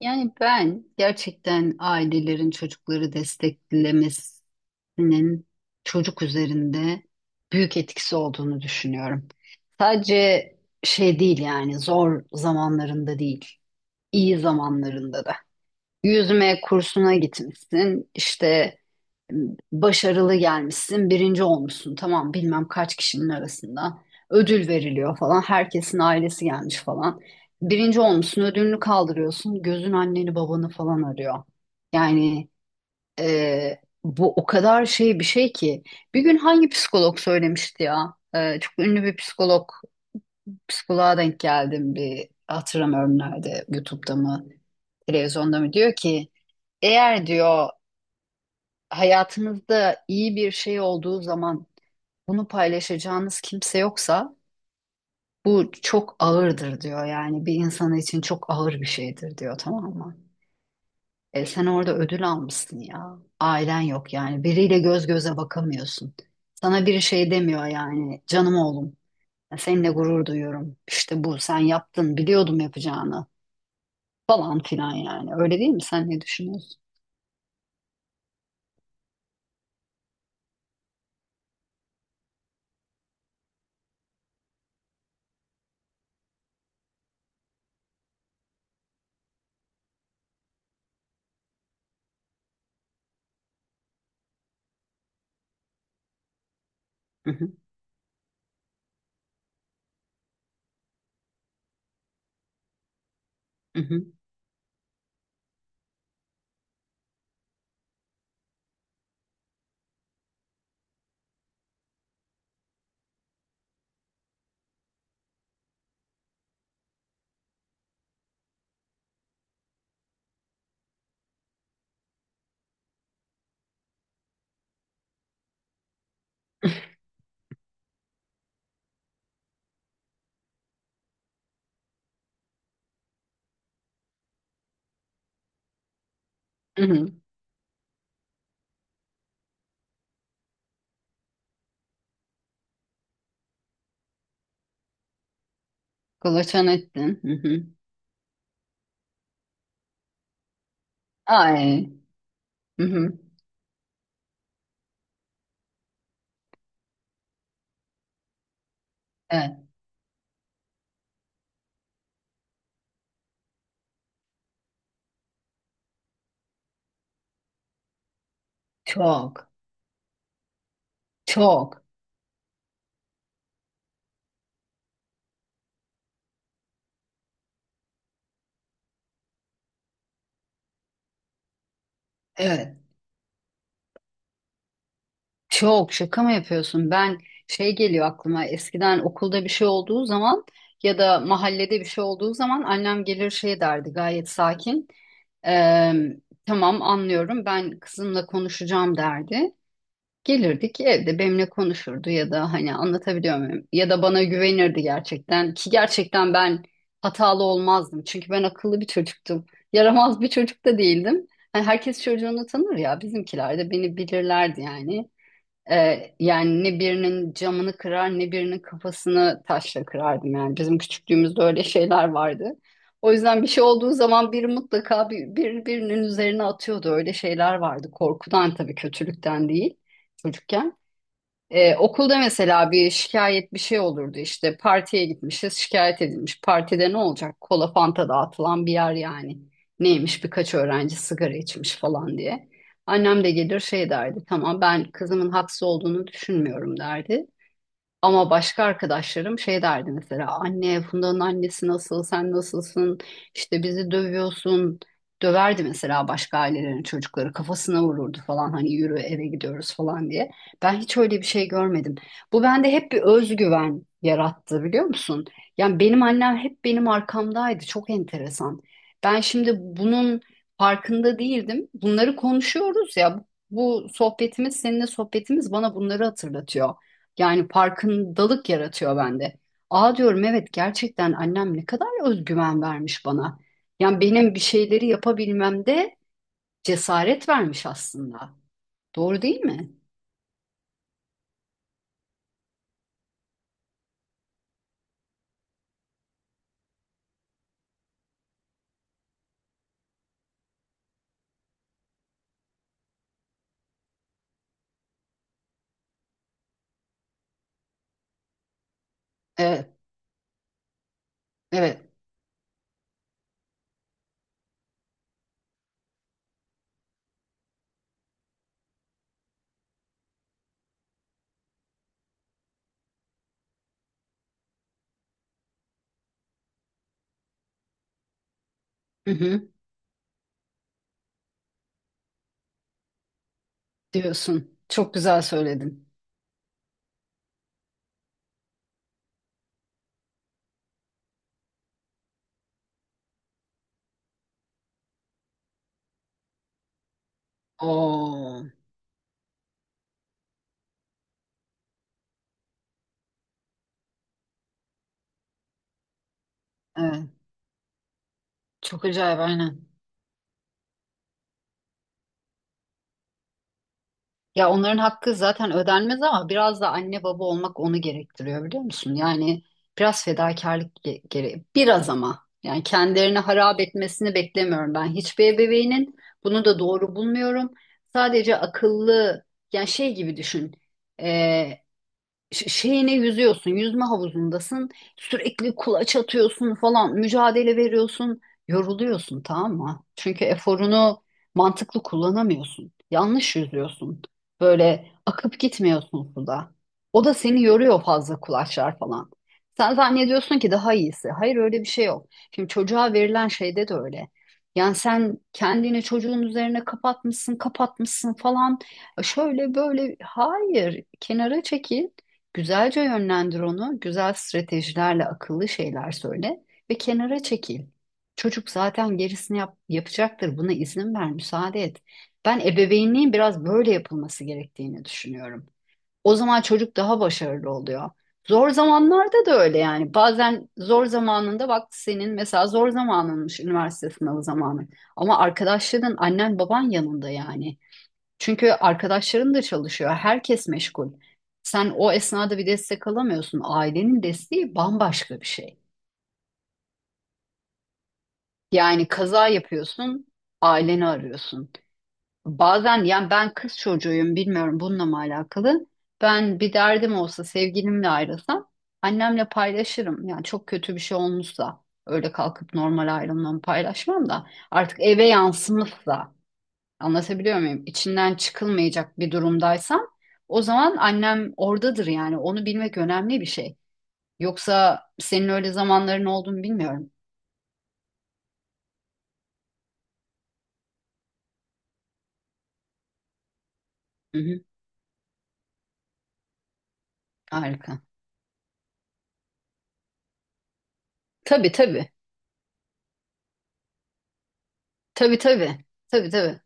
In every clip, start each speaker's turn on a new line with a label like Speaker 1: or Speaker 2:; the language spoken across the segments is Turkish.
Speaker 1: Yani ben gerçekten ailelerin çocukları desteklemesinin çocuk üzerinde büyük etkisi olduğunu düşünüyorum. Sadece şey değil yani zor zamanlarında değil, iyi zamanlarında da. Yüzme kursuna gitmişsin, işte başarılı gelmişsin, birinci olmuşsun. Tamam bilmem kaç kişinin arasında. Ödül veriliyor falan. Herkesin ailesi gelmiş falan. Birinci olmuşsun, ödülünü kaldırıyorsun. Gözün anneni babanı falan arıyor. Yani bu o kadar şey bir şey ki. Bir gün hangi psikolog söylemişti ya? Çok ünlü bir psikolog, psikoloğa denk geldim bir hatırlamıyorum nerede, YouTube'da mı, televizyonda mı diyor ki eğer diyor hayatınızda iyi bir şey olduğu zaman bunu paylaşacağınız kimse yoksa bu çok ağırdır diyor. Yani bir insan için çok ağır bir şeydir diyor tamam mı? E sen orada ödül almışsın ya. Ailen yok yani. Biriyle göz göze bakamıyorsun. Sana bir şey demiyor yani. Canım oğlum. Seninle gurur duyuyorum. İşte bu sen yaptın. Biliyordum yapacağını. Falan filan yani. Öyle değil mi? Sen ne düşünüyorsun? Hı hı. Hı hı. Hı hı. Kılıçan ettin. Ay. Hı hı. Evet. Çok. Çok. Evet. Çok. Şaka mı yapıyorsun? Ben şey geliyor aklıma. Eskiden okulda bir şey olduğu zaman ya da mahallede bir şey olduğu zaman annem gelir şey derdi gayet sakin. Eee, tamam anlıyorum ben kızımla konuşacağım derdi. Gelirdik evde benimle konuşurdu ya da hani anlatabiliyor muyum? Ya da bana güvenirdi gerçekten ki gerçekten ben hatalı olmazdım. Çünkü ben akıllı bir çocuktum. Yaramaz bir çocuk da değildim. Hani herkes çocuğunu tanır ya bizimkiler de beni bilirlerdi yani. Yani ne birinin camını kırar ne birinin kafasını taşla kırardım yani. Bizim küçüklüğümüzde öyle şeyler vardı. O yüzden bir şey olduğu zaman biri mutlaka birinin üzerine atıyordu. Öyle şeyler vardı. Korkudan tabii kötülükten değil çocukken. Okulda mesela bir şikayet bir şey olurdu işte partiye gitmişiz şikayet edilmiş partide ne olacak kola fanta dağıtılan bir yer yani neymiş birkaç öğrenci sigara içmiş falan diye annem de gelir şey derdi tamam ben kızımın haksız olduğunu düşünmüyorum derdi ama başka arkadaşlarım şey derdi mesela anne Funda'nın annesi nasıl sen nasılsın işte bizi dövüyorsun döverdi mesela başka ailelerin çocukları kafasına vururdu falan hani yürü eve gidiyoruz falan diye. Ben hiç öyle bir şey görmedim. Bu bende hep bir özgüven yarattı biliyor musun? Yani benim annem hep benim arkamdaydı çok enteresan. Ben şimdi bunun farkında değildim. Bunları konuşuyoruz ya bu sohbetimiz seninle sohbetimiz bana bunları hatırlatıyor. Yani farkındalık yaratıyor bende. Aa diyorum evet gerçekten annem ne kadar özgüven vermiş bana. Yani benim bir şeyleri yapabilmemde cesaret vermiş aslında. Doğru değil mi? Evet, evet. Hı hı, diyorsun. Çok güzel söyledin. Oo, evet. Çok acayip aynen. Ya onların hakkı zaten ödenmez ama biraz da anne baba olmak onu gerektiriyor biliyor musun? Yani biraz fedakarlık gere biraz ama yani kendilerini harap etmesini beklemiyorum ben. Hiçbir ebeveynin bunu da doğru bulmuyorum. Sadece akıllı yani şey gibi düşün şeyine yüzüyorsun, yüzme havuzundasın, sürekli kulaç atıyorsun falan, mücadele veriyorsun, yoruluyorsun tamam mı? Çünkü eforunu mantıklı kullanamıyorsun. Yanlış yüzüyorsun. Böyle akıp gitmiyorsun suda. O da seni yoruyor fazla kulaçlar falan. Sen zannediyorsun ki daha iyisi. Hayır öyle bir şey yok. Şimdi çocuğa verilen şeyde de öyle. Yani sen kendini çocuğun üzerine kapatmışsın falan. Şöyle böyle hayır kenara çekil. Güzelce yönlendir onu, güzel stratejilerle akıllı şeyler söyle ve kenara çekil. Çocuk zaten gerisini yapacaktır. Buna izin ver, müsaade et. Ben ebeveynliğin biraz böyle yapılması gerektiğini düşünüyorum. O zaman çocuk daha başarılı oluyor. Zor zamanlarda da öyle yani. Bazen zor zamanında bak senin mesela zor zamanınmış üniversite sınavı zamanı. Ama arkadaşların annen baban yanında yani. Çünkü arkadaşların da çalışıyor, herkes meşgul. Sen o esnada bir destek alamıyorsun. Ailenin desteği bambaşka bir şey. Yani kaza yapıyorsun, aileni arıyorsun. Bazen yani ben kız çocuğuyum, bilmiyorum bununla mı alakalı. Ben bir derdim olsa sevgilimle ayrılsam annemle paylaşırım. Yani çok kötü bir şey olmuşsa öyle kalkıp normal ayrılmamı paylaşmam da artık eve yansımışsa anlatabiliyor muyum? İçinden çıkılmayacak bir durumdaysam o zaman annem oradadır yani. Onu bilmek önemli bir şey. Yoksa senin öyle zamanların olduğunu bilmiyorum. Hı hı, harika. Tabii tabii. Tabii tabii. Tabii tabii.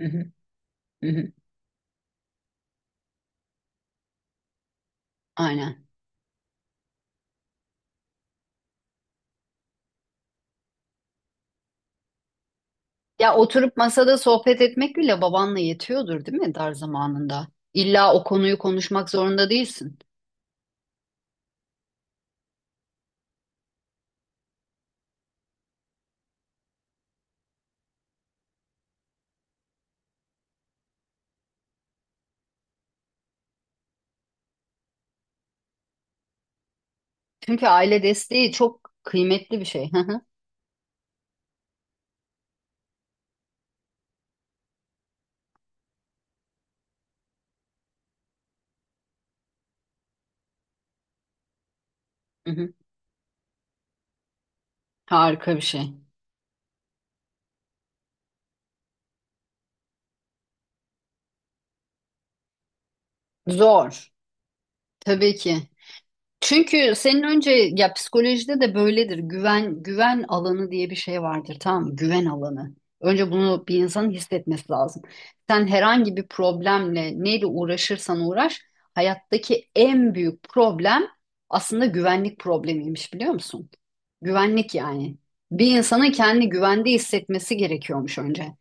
Speaker 1: Hı hı, hı hı. Aynen. Ya oturup masada sohbet etmek bile babanla yetiyordur değil mi dar zamanında? İlla o konuyu konuşmak zorunda değilsin. Çünkü aile desteği çok kıymetli bir şey. Hı hı, hı hı. Harika bir şey. Zor. Tabii ki. Çünkü senin önce ya psikolojide de böyledir. Güven alanı diye bir şey vardır tamam mı? Güven alanı. Önce bunu bir insanın hissetmesi lazım. Sen herhangi bir problemle neyle uğraşırsan uğraş hayattaki en büyük problem aslında güvenlik problemiymiş biliyor musun? Güvenlik yani. Bir insanın kendini güvende hissetmesi gerekiyormuş önce.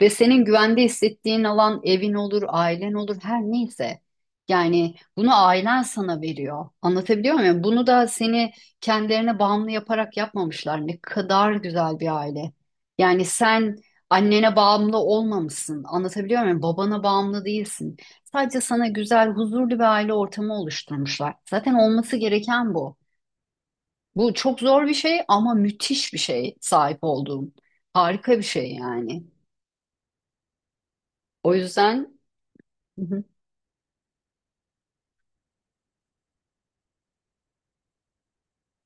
Speaker 1: Ve senin güvende hissettiğin alan evin olur, ailen olur, her neyse. Yani bunu ailen sana veriyor. Anlatabiliyor muyum? Yani bunu da seni kendilerine bağımlı yaparak yapmamışlar. Ne kadar güzel bir aile. Yani sen annene bağımlı olmamışsın. Anlatabiliyor muyum? Babana bağımlı değilsin. Sadece sana güzel, huzurlu bir aile ortamı oluşturmuşlar. Zaten olması gereken bu. Bu çok zor bir şey ama müthiş bir şey sahip olduğum. Harika bir şey yani. O yüzden... Hı hı.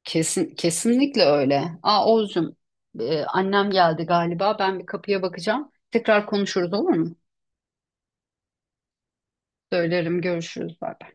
Speaker 1: Kesin, kesinlikle öyle. Aa Oğuzcum, annem geldi galiba. Ben bir kapıya bakacağım. Tekrar konuşuruz olur mu? Söylerim, görüşürüz. Bay bay.